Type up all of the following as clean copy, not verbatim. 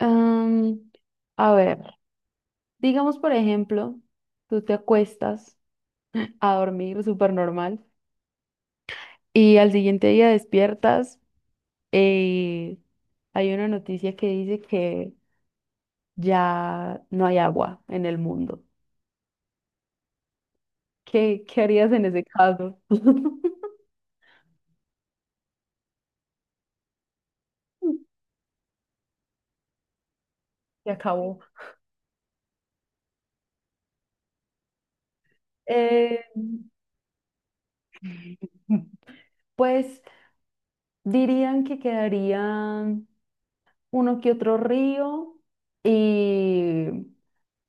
Am, a ver, digamos por ejemplo, tú te acuestas a dormir súper normal y al siguiente día despiertas y hay una noticia que dice que ya no hay agua en el mundo. ¿Qué harías en ese caso? Se acabó. Eh, pues dirían que quedarían uno que otro río y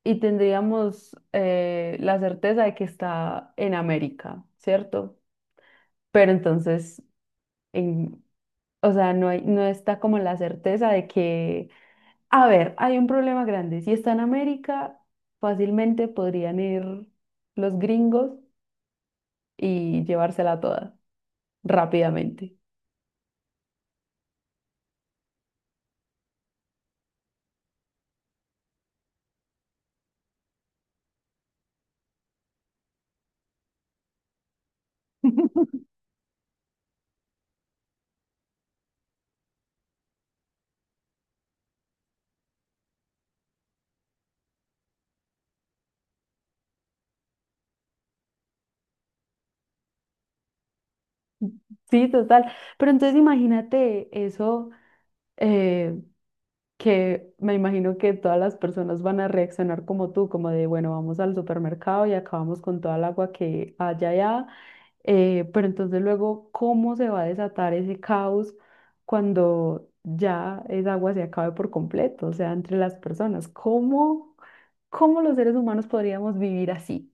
y tendríamos la certeza de que está en América, ¿cierto? Pero entonces, en, o sea, no está como la certeza de que, a ver, hay un problema grande. Si está en América, fácilmente podrían ir los gringos y llevársela toda rápidamente. Sí, total. Pero entonces imagínate eso. eh, que me imagino que todas las personas van a reaccionar como tú, como de, bueno, vamos al supermercado y acabamos con toda el agua que haya allá, pero entonces luego, ¿cómo se va a desatar ese caos cuando ya esa agua se acabe por completo, o sea, entre las personas? ¿Cómo los seres humanos podríamos vivir así?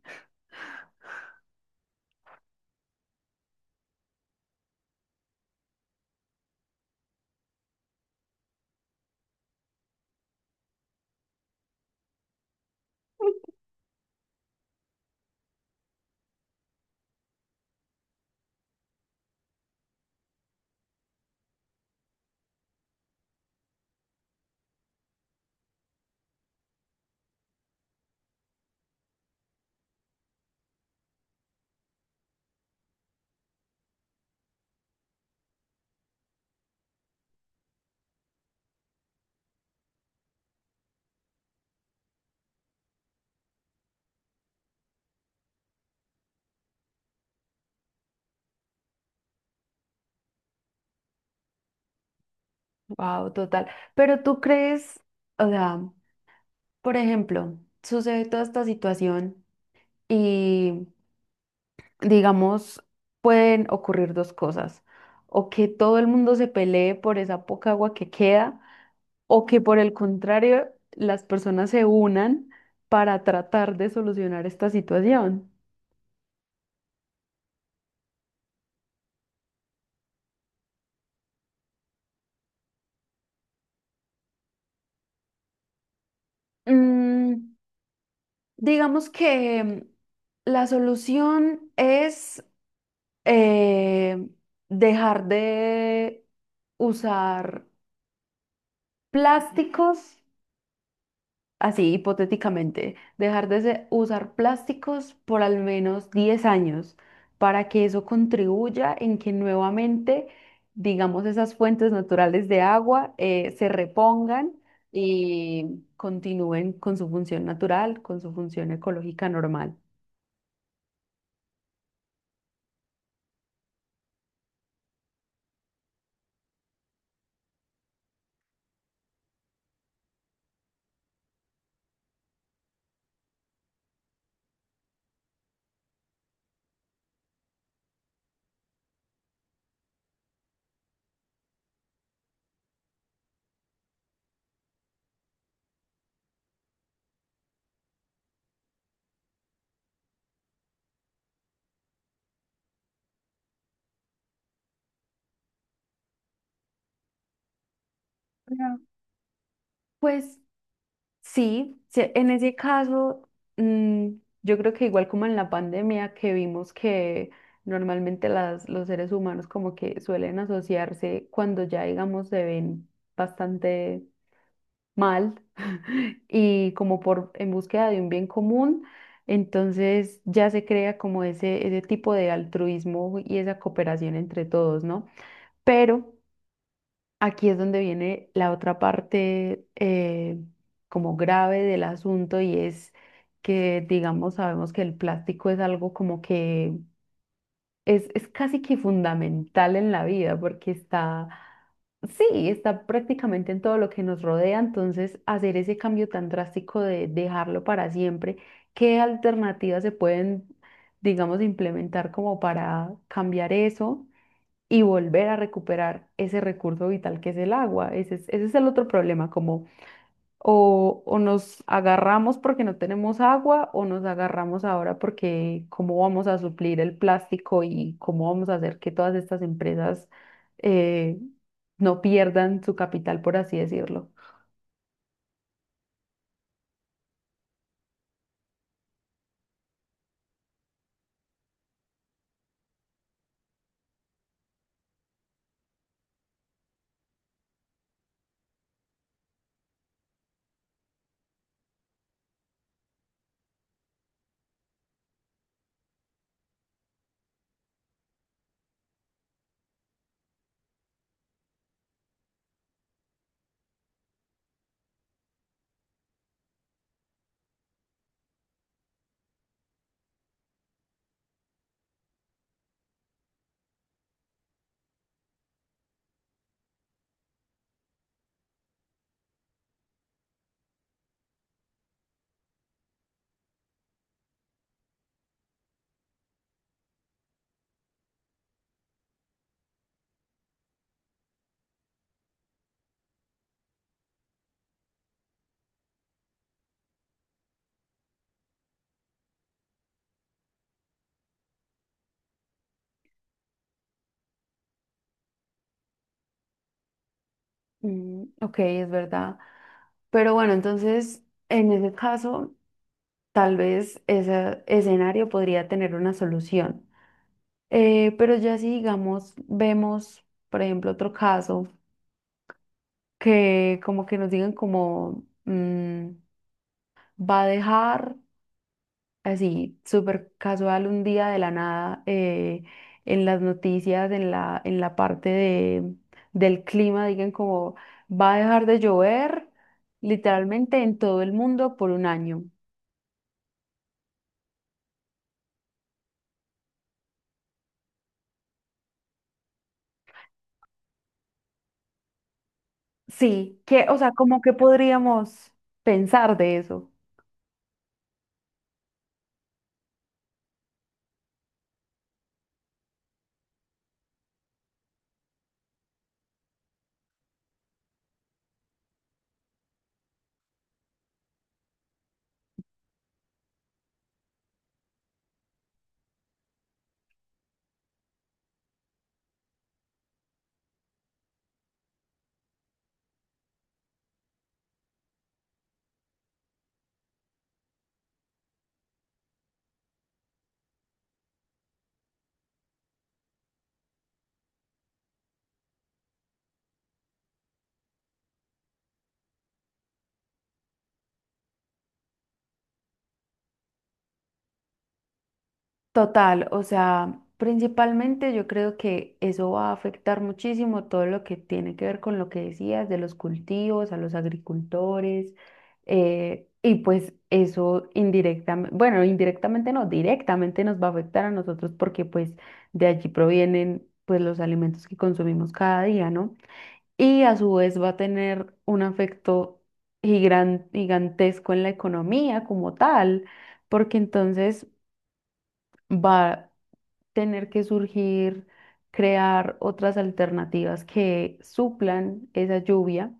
Wow, total. Pero tú crees, o sea, por ejemplo, sucede toda esta situación y digamos, pueden ocurrir dos cosas. O que todo el mundo se pelee por esa poca agua que queda, o que por el contrario, las personas se unan para tratar de solucionar esta situación. Mm, digamos que la solución es eh, dejar de usar plásticos así hipotéticamente, dejar de usar plásticos por al menos 10 años para que eso contribuya en que nuevamente, digamos, esas fuentes naturales de agua se repongan y continúen con su función natural, con su función ecológica normal. Claro. Pues sí, sí, en ese caso, mm, yo creo que igual como en la pandemia que vimos que normalmente los seres humanos como que suelen asociarse cuando ya digamos se ven bastante mal y como por en búsqueda de un bien común, entonces ya se crea como ese tipo de altruismo y esa cooperación entre todos, ¿no? Pero aquí es donde viene la otra parte como grave del asunto y es que, digamos, sabemos que el plástico es algo como que es casi que fundamental en la vida porque está, sí, está prácticamente en todo lo que nos rodea, entonces hacer ese cambio tan drástico de dejarlo para siempre, ¿qué alternativas se pueden, digamos, implementar como para cambiar eso? Y volver a recuperar ese recurso vital que es el agua. Ese es el otro problema, como o nos agarramos porque no tenemos agua o nos agarramos ahora porque cómo vamos a suplir el plástico y cómo vamos a hacer que todas estas empresas eh, no pierdan su capital, por así decirlo. Mm, ok, es verdad. Pero bueno, entonces, en ese caso, tal vez ese escenario podría tener una solución. Pero ya si digamos, vemos, por ejemplo, otro caso que como que nos digan como mm, va a dejar así, súper casual un día de la nada en las noticias, en la parte de, del clima, digan como va a dejar de llover literalmente en todo el mundo por un año. Sí, que, o sea, como que podríamos pensar de eso. Total, o sea, principalmente yo creo que eso va a afectar muchísimo todo lo que tiene que ver con lo que decías de los cultivos, a los agricultores, y pues eso indirectamente, bueno, indirectamente no, directamente nos va a afectar a nosotros porque pues de allí provienen pues los alimentos que consumimos cada día, ¿no? Y a su vez va a tener un afecto gigantesco en la economía como tal, porque entonces va tener que surgir, crear otras alternativas que suplan esa lluvia.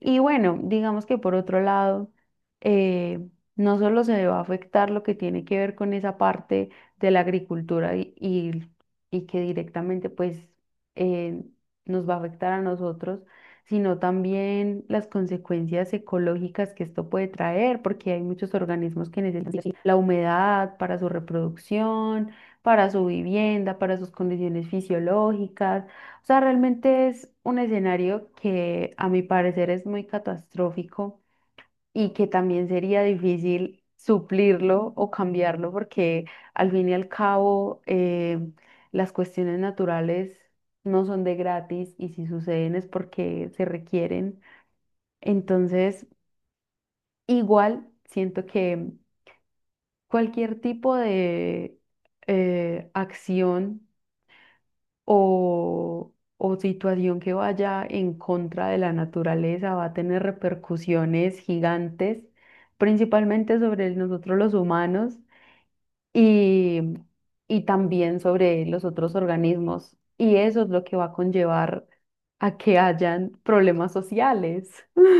Y bueno, digamos que por otro lado, eh, no solo se va a afectar lo que tiene que ver con esa parte de la agricultura y que directamente pues eh, nos va a afectar a nosotros, sino también las consecuencias ecológicas que esto puede traer, porque hay muchos organismos que necesitan la humedad para su reproducción para su vivienda, para sus condiciones fisiológicas. O sea, realmente es un escenario que a mi parecer es muy catastrófico y que también sería difícil suplirlo o cambiarlo porque al fin y al cabo las cuestiones naturales no son de gratis y si suceden es porque se requieren. Entonces, igual siento que cualquier tipo de acción o, o situación que vaya en contra de la naturaleza va a tener repercusiones gigantes, principalmente sobre nosotros los humanos y, y también sobre los otros organismos. Y eso es lo que va a conllevar a que hayan problemas sociales.